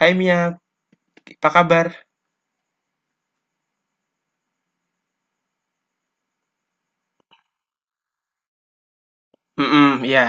Hai Mia, apa kabar? Mhm, iya.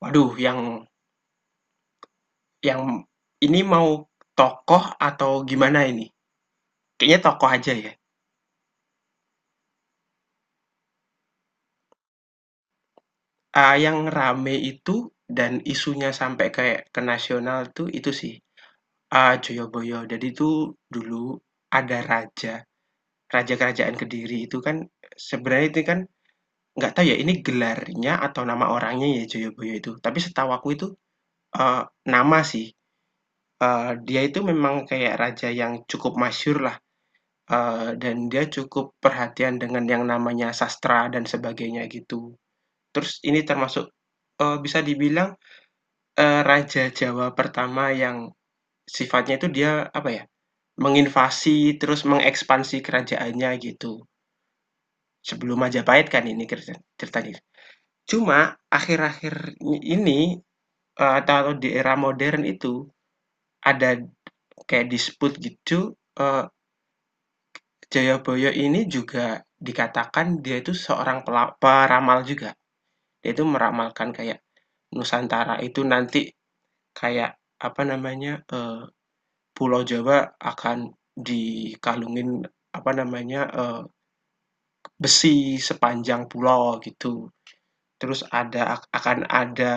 Waduh, yang ini mau tokoh atau gimana ini? Kayaknya tokoh aja ya. Ah, yang rame itu dan isunya sampai kayak ke nasional tuh itu sih. Ah, Joyoboyo. Jadi tuh dulu ada raja, raja kerajaan Kediri itu kan sebenarnya itu kan nggak tahu ya ini gelarnya atau nama orangnya ya Joyoboyo itu. Tapi setahu aku itu eh, nama sih. Dia itu memang kayak raja yang cukup masyhur lah. Dan dia cukup perhatian dengan yang namanya sastra dan sebagainya gitu. Terus ini termasuk, bisa dibilang, raja Jawa pertama yang sifatnya itu dia, apa ya, menginvasi terus mengekspansi kerajaannya gitu. Sebelum Majapahit kan ini ceritanya. Cuma akhir-akhir ini, atau di era modern itu ada kayak dispute gitu, Jayabaya ini juga dikatakan dia itu seorang peramal juga. Dia itu meramalkan kayak Nusantara itu nanti kayak, apa namanya, Pulau Jawa akan dikalungin, apa namanya, besi sepanjang pulau gitu. Terus akan ada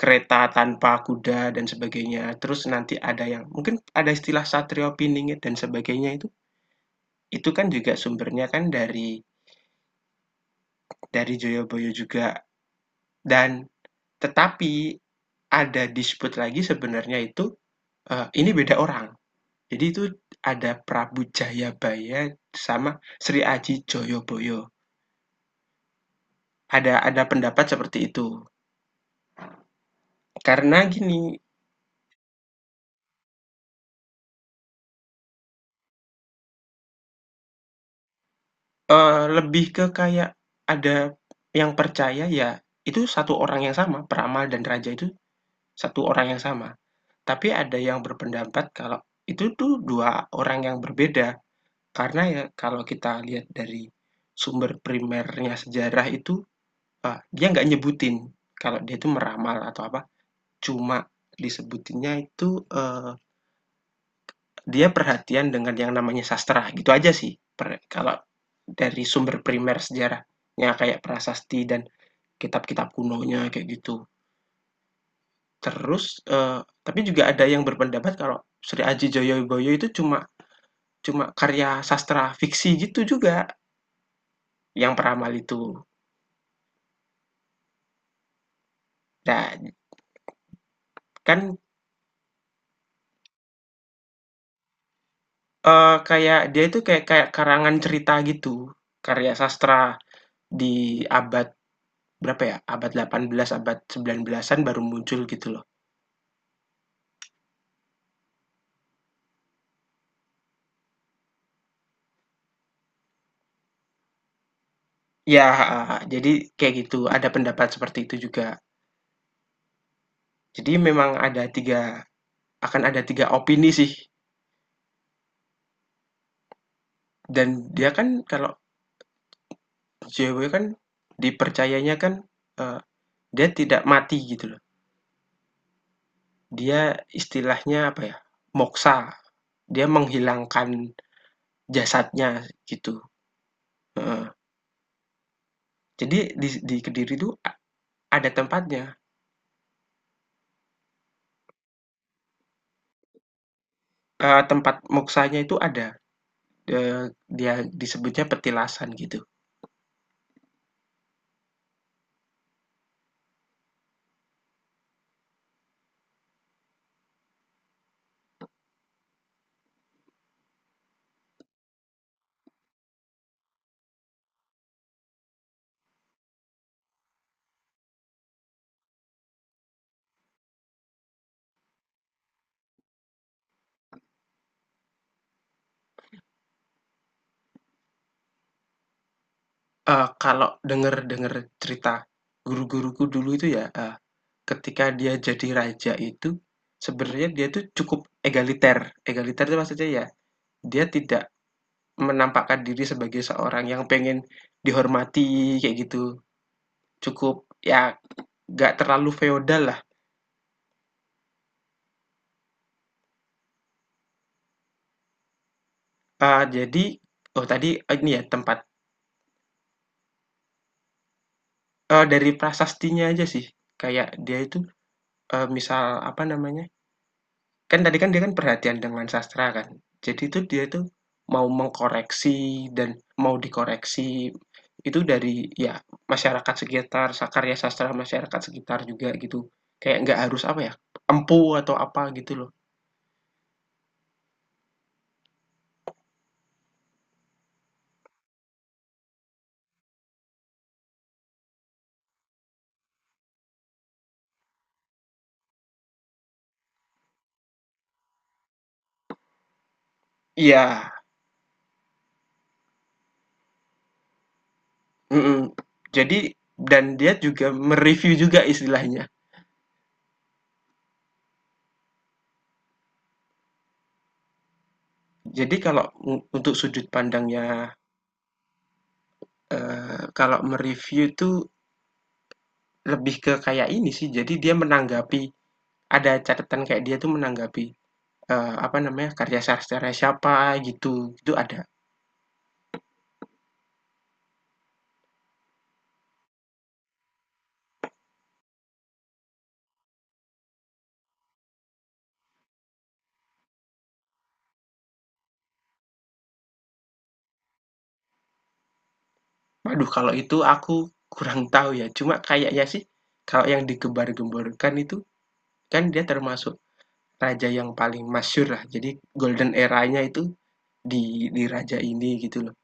kereta tanpa kuda dan sebagainya. Terus nanti ada yang mungkin ada istilah Satrio Piningit dan sebagainya itu kan juga sumbernya kan dari Joyoboyo juga. Dan tetapi ada dispute lagi sebenarnya itu. Ini beda orang. Jadi itu ada Prabu Jayabaya sama Sri Aji Joyoboyo. Ada pendapat seperti itu. Karena gini, lebih ke kayak ada yang percaya ya itu satu orang yang sama, peramal dan raja itu satu orang yang sama. Tapi ada yang berpendapat kalau itu tuh dua orang yang berbeda. Karena ya kalau kita lihat dari sumber primernya sejarah itu, dia nggak nyebutin kalau dia itu meramal atau apa, cuma disebutinnya itu, dia perhatian dengan yang namanya sastra, gitu aja sih. Kalau dari sumber primer sejarahnya kayak prasasti dan kitab-kitab kunonya, kayak gitu. Terus, tapi juga ada yang berpendapat kalau Sri Aji Joyoboyo itu cuma cuma karya sastra fiksi gitu juga, yang peramal itu. Nah, kan, kayak dia itu kayak kayak karangan cerita gitu, karya sastra di abad berapa ya, abad 18 abad 19-an baru muncul gitu loh. Ya, heeh, jadi kayak gitu, ada pendapat seperti itu juga. Jadi memang ada tiga akan ada 3 opini sih, dan dia kan kalau JW kan dipercayanya kan, eee, dia tidak mati gitu loh. Dia istilahnya apa ya, moksa, dia menghilangkan jasadnya gitu, heeh. Jadi di Kediri itu ada tempatnya, tempat moksanya itu ada. Dia disebutnya petilasan gitu. Kalau dengar-dengar cerita guru-guruku dulu itu ya, ketika dia jadi raja itu, sebenarnya dia tuh cukup egaliter. Egaliter itu maksudnya ya, dia tidak menampakkan diri sebagai seorang yang pengen dihormati kayak gitu. Cukup ya nggak terlalu feodal lah. Jadi oh tadi ini ya tempat, dari prasastinya aja sih. Kayak dia itu, misal apa namanya, kan tadi kan dia kan perhatian dengan sastra kan. Jadi tuh dia tuh mau mengkoreksi dan mau dikoreksi itu dari ya masyarakat sekitar, karya sastra masyarakat sekitar juga gitu. Kayak nggak harus apa ya, empu atau apa gitu loh. Iya, mhm. Jadi dan dia juga mereview juga istilahnya. Jadi kalau untuk sudut pandangnya, kalau mereview review itu lebih ke kayak ini sih, jadi dia menanggapi, ada catatan kayak dia tuh menanggapi apa namanya, karya sastra siapa gitu, itu ada. Waduh kalau itu aku kurang tahu ya, cuma kayaknya sih kalau yang digembar-gemborkan itu kan dia termasuk raja yang paling masyur lah, jadi golden era-nya itu di di raja ini gitu loh.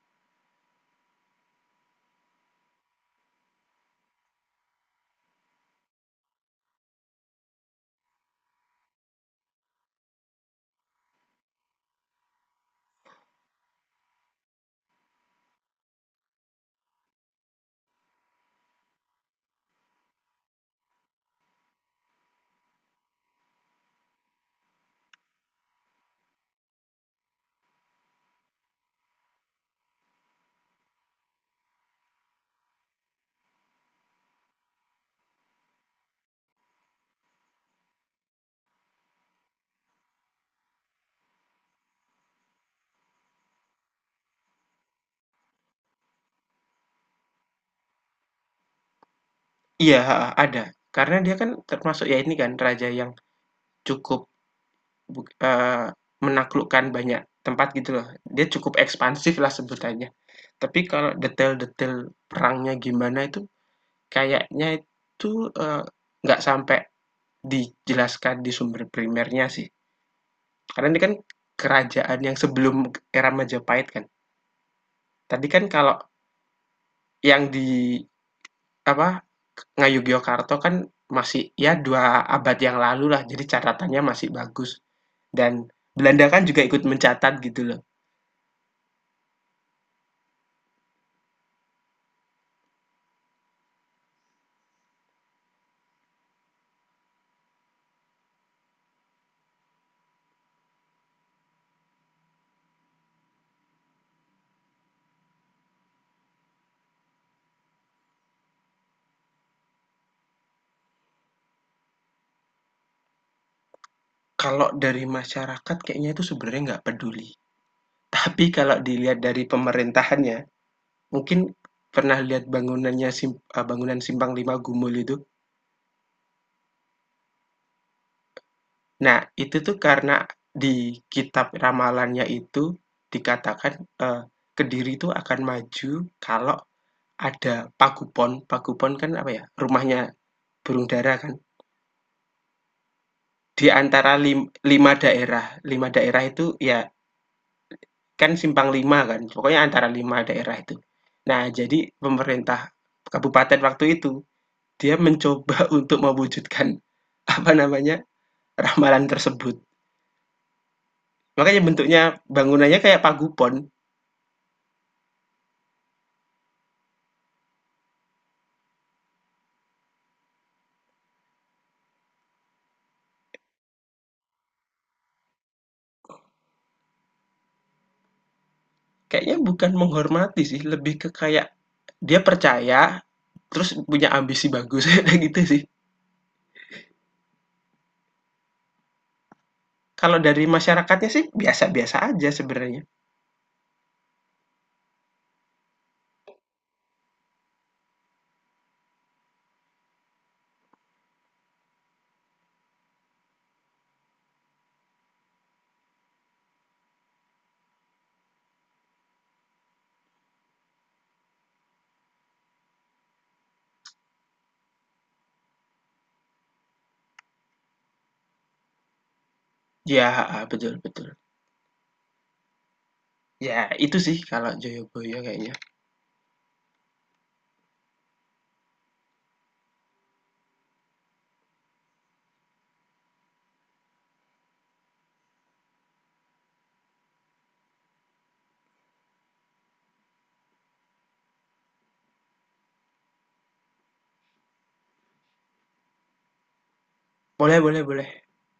Iya, ada. Karena dia kan termasuk ya ini kan raja yang cukup buk eee, menaklukkan banyak tempat gitu loh, dia cukup ekspansif lah sebutannya. Tapi kalau detail-detail perangnya gimana itu kayaknya itu, nggak sampai dijelaskan di sumber primernya sih, karena ini kan kerajaan yang sebelum era Majapahit kan. Tadi kan kalau yang di apa, Ngayogyakarta kan masih ya 2 abad yang lalu lah, jadi catatannya masih bagus, dan Belanda kan juga ikut mencatat gitu loh. Kalau dari masyarakat kayaknya itu sebenarnya nggak peduli, tapi kalau dilihat dari pemerintahannya mungkin pernah lihat bangunannya bangunan Simpang Lima Gumul itu? Nah, itu tuh karena di kitab ramalannya itu dikatakan, Kediri itu akan maju kalau ada Pagupon. Pagupon kan apa ya, rumahnya burung dara kan. Di antara 5 daerah, 5 daerah itu ya kan Simpang Lima kan, pokoknya antara 5 daerah itu. Nah, jadi pemerintah kabupaten waktu itu, dia mencoba untuk mewujudkan, apa namanya, ramalan tersebut. Makanya bentuknya bangunannya kayak pagupon. Kayaknya bukan menghormati sih, lebih ke kayak dia percaya, terus punya ambisi bagus, gitu sih. Kalau dari masyarakatnya sih biasa-biasa aja sebenarnya. Ya, betul betul. Ya itu sih kalau Joyoboyo kayaknya. Boleh boleh boleh.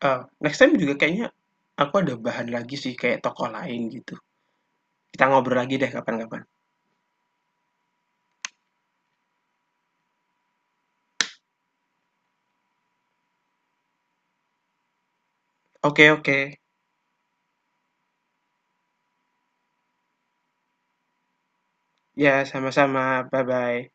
Next time juga kayaknya aku ada bahan lagi sih kayak tokoh lain gitu. Kita ngobrol lagi deh kapan-kapan. Oke oke. Ya sama-sama, bye-bye.